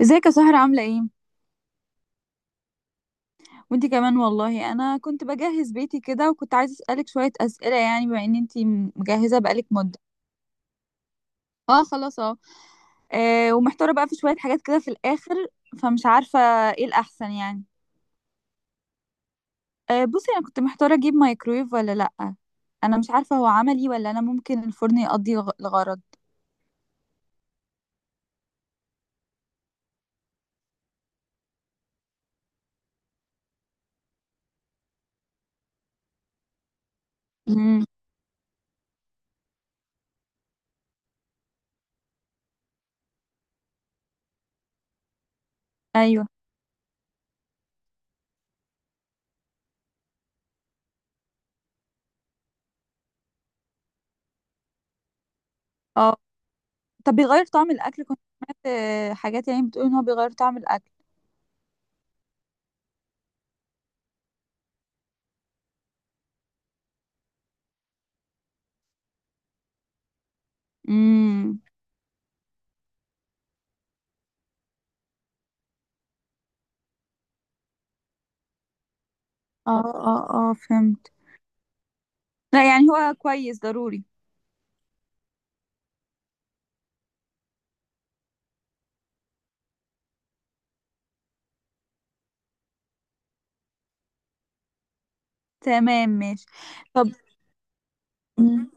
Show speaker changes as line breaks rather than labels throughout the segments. ازيك يا سهرة عاملة ايه؟ وانتي كمان والله انا كنت بجهز بيتي كده وكنت عايزة اسألك شوية اسئلة، يعني بما ان انتي مجهزة بقالك مدة. اه خلاص اه. ومحتارة بقى في شوية حاجات كده في الاخر، فمش عارفة ايه الاحسن يعني. آه بصي، انا كنت محتارة اجيب مايكرويف ولا لأ، انا مش عارفة هو عملي ولا انا ممكن الفرن يقضي الغرض. امم ايوه. اه، طب بيغير طعم الاكل؟ كنت سمعت حاجات يعني بتقول ان هو بيغير طعم الاكل. امم. اه اه. اه فهمت. لا يعني هو كويس ضروري. تمام ماشي. طب مم.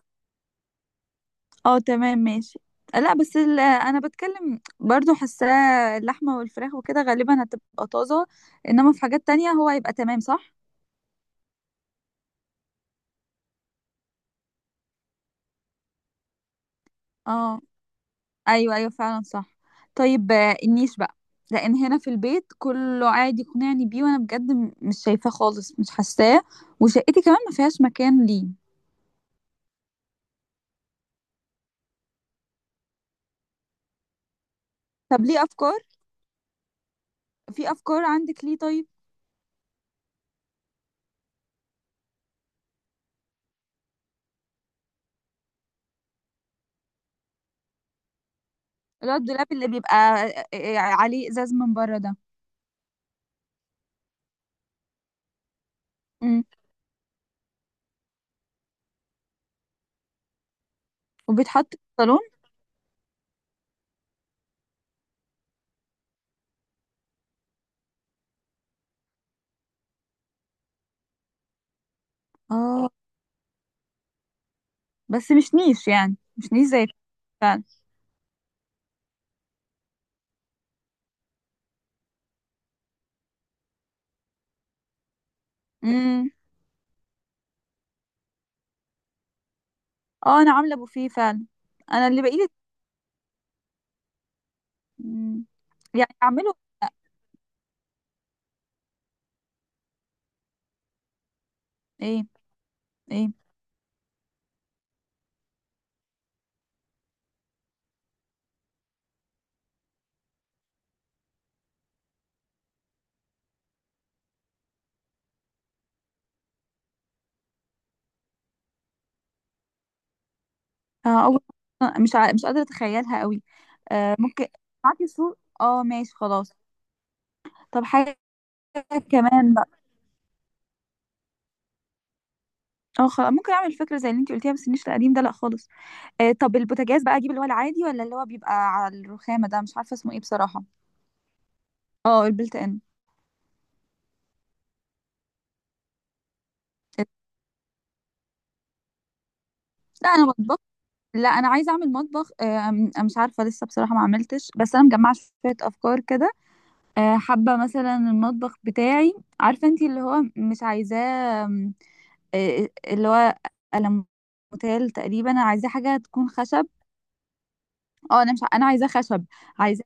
اه تمام ماشي. لا بس انا بتكلم برضو، حاساه اللحمه والفراخ وكده غالبا هتبقى طازه، انما في حاجات تانية هو هيبقى تمام، صح. اه ايوه ايوه، فعلا صح. طيب، النيش بقى، لان هنا في البيت كله عادي يقنعني بيه، وانا بجد مش شايفاه خالص، مش حاساه، وشقتي كمان ما فيهاش مكان ليه. طب ليه افكار، في افكار عندك ليه طيب؟ اللي هو الدولاب اللي بيبقى عليه ازاز من بره ده. مم. وبيتحط في الصالون. اه، بس مش نيش يعني، مش نيش زي. فعلا. امم. اه انا عامله بوفيه فعلا، انا اللي بقيت. مم. يعني اعمله. ايه. ايه. آه اول، مش قادره اتخيلها قوي. آه ممكن. معاكي صور؟ اه ماشي خلاص. طب حاجه كمان بقى. اه خلاص، ممكن اعمل فكره زي اللي انت قلتيها، بس النيش القديم ده لا خالص. آه، طب البوتاجاز بقى اجيب اللي هو العادي، ولا اللي هو بيبقى على الرخامه ده؟ مش عارفه اسمه ايه بصراحه. اه البلت ان. لا انا بطبخ. لا انا عايزه اعمل مطبخ، مش عارفه لسه بصراحه، ما عملتش، بس انا مجمعه شويه افكار كده. حابه مثلا المطبخ بتاعي، عارفه انتي اللي هو مش عايزاه، آم، آه، آه، اللي هو الموتيل تقريبا. انا عايزاه حاجه تكون خشب. اه انا مش ع- انا عايزاه خشب، عايزاه.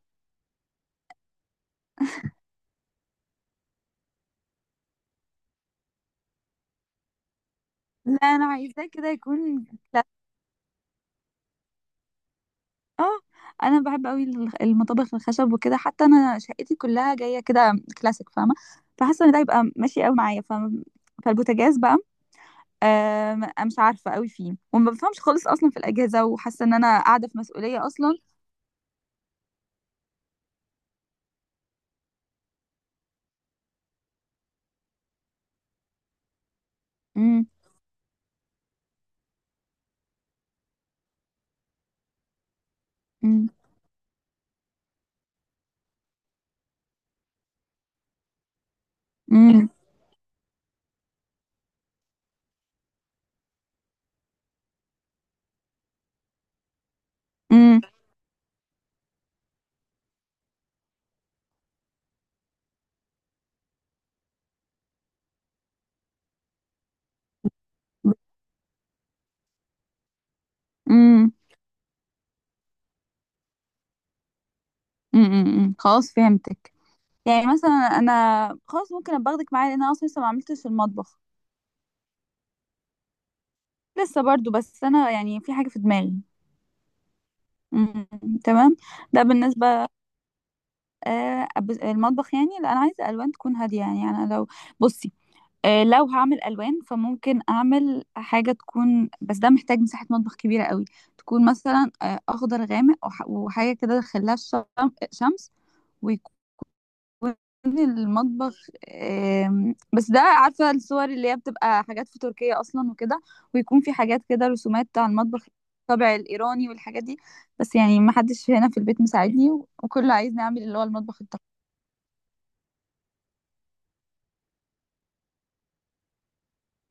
لا انا عايزاه كده يكون. لا. اه انا بحب قوي المطابخ الخشب وكده، حتى انا شقتي كلها جايه كده كلاسيك، فاهمه؟ فحاسه ان ده يبقى ماشي قوي معايا، فاهمه؟ فالبوتاجاز بقى، م مش عارفة أوي فيه، وما بافهمش خالص أصلًا في الأجهزة، وحاسة إن أنا قاعدة في مسؤولية أصلًا. إمم، إمم، إمم، إمم، إمم، إمم، إمم، إمم، خلاص فهمتِك. يعني مثلًا أنا خلاص ممكن أبقى آخدِك معايا، لإن أنا أصلًا لسه ما عملتش في المطبخ، لسه برضه، بس أنا يعني في حاجة في دماغي. إمم، تمام، ده بالنسبة، أب المطبخ يعني، لأ أنا عايزة ألوان تكون هادية يعني، أنا لو بُصي، لو هعمل الوان فممكن اعمل حاجه تكون، بس ده محتاج مساحه مطبخ كبيره قوي. تكون مثلا اخضر غامق، وحاجه كده دخلها شمس، ويكون المطبخ، بس ده عارفه الصور اللي هي بتبقى حاجات في تركيا اصلا وكده، ويكون في حاجات كده رسومات على المطبخ، الطابع الايراني والحاجات دي. بس يعني ما حدش هنا في البيت مساعدني، وكله عايزني اعمل اللي هو المطبخ التقليدي.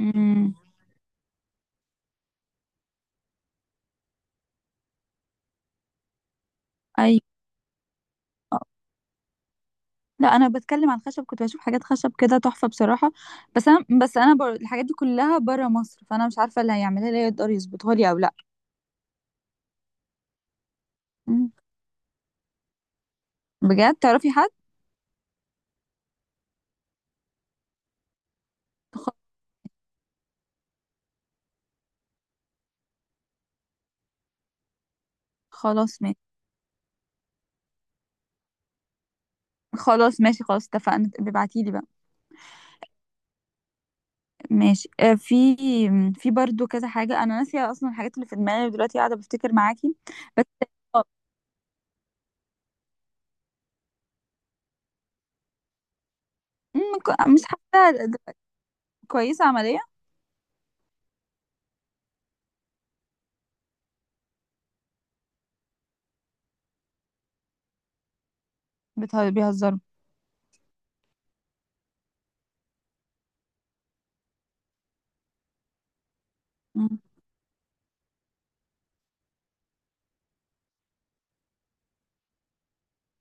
امم. ايوه. لا انا بتكلم عن خشب، كنت بشوف حاجات خشب كده تحفه بصراحه، بس انا الحاجات دي كلها بره مصر، فانا مش عارفه اللي هيعملها لي يقدر يظبطها لي او لا. مم. بجد تعرفي حد؟ خ... خلاص ماشي. خلاص ماشي، خلاص اتفقنا، ابعتي لي بقى. ماشي. في برضو كذا حاجه انا ناسيه اصلا، الحاجات اللي في دماغي دلوقتي قاعده بفتكر معاكي. بس آه، مم، مش حاسه كويسه عمليه. بيهزروا. مم.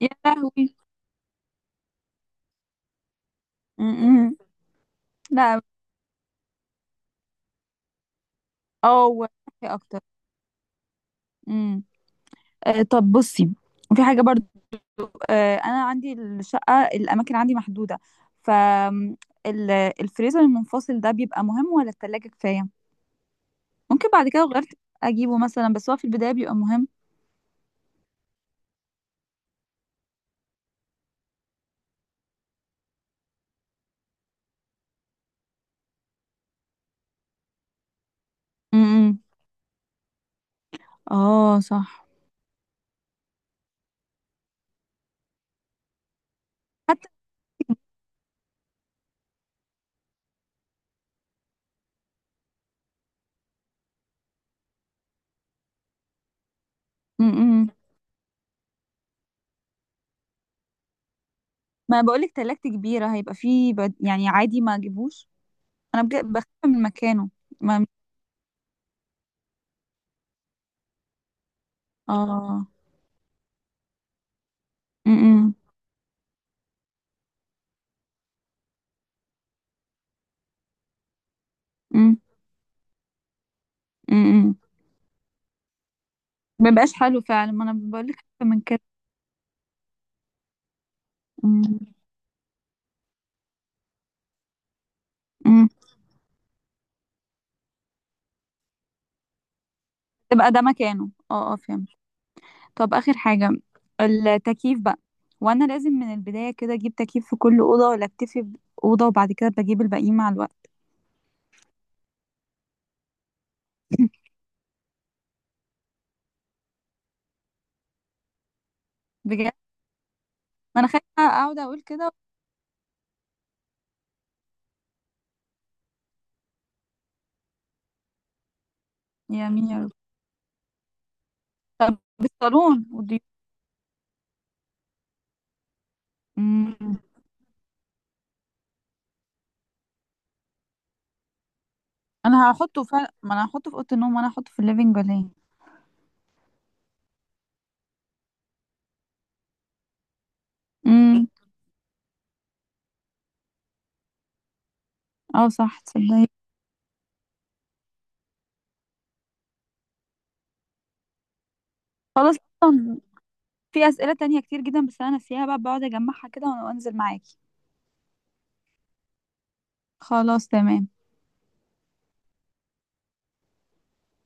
يا لهوي. مم، مم. لا. اه وحشة اكتر. مم. طب بصي، في حاجة برضو، أنا عندي الشقة الأماكن عندي محدودة، ف م، الفريزر المنفصل ده بيبقى مهم ولا التلاجة كفاية؟ ممكن بعد كده لو غيرت أجيبه مثلا، بس هو في البداية بيبقى مهم. امم. اه صح. حتى. امم. ما بقولك تلاجتي كبيرة، هيبقى فيه بد... يعني عادي ما أجيبوش، أنا بجد بخاف من مكانه. ما. اه. امم. امم. ما بقاش حلو فعلا، ما أنا بقولك خايفة من كده. امم. تبقى ده مكانه، اه اه فهمت. طب آخر حاجة، التكييف بقى، وأنا لازم من البداية كده أجيب تكييف في كل أوضة، ولا أكتفي بأوضة وبعد كده بجيب الباقيين مع الوقت؟ بجد؟ ما أنا خايفة أقعد أقول كده. يا مين يا رب. بالصالون والضيوف. أمم. أنا هحطه فعلا، ما أنا هحطه في أوضة النوم، وأنا هحطه في الليفينج ولا إيه؟ أمم. اه صح تصدقي. خلاص أصلا، في أسئلة تانية كتير جدا بس أنا ناسيها بقى، بقعد أجمعها كده وأنزل معاكي. خلاص تمام.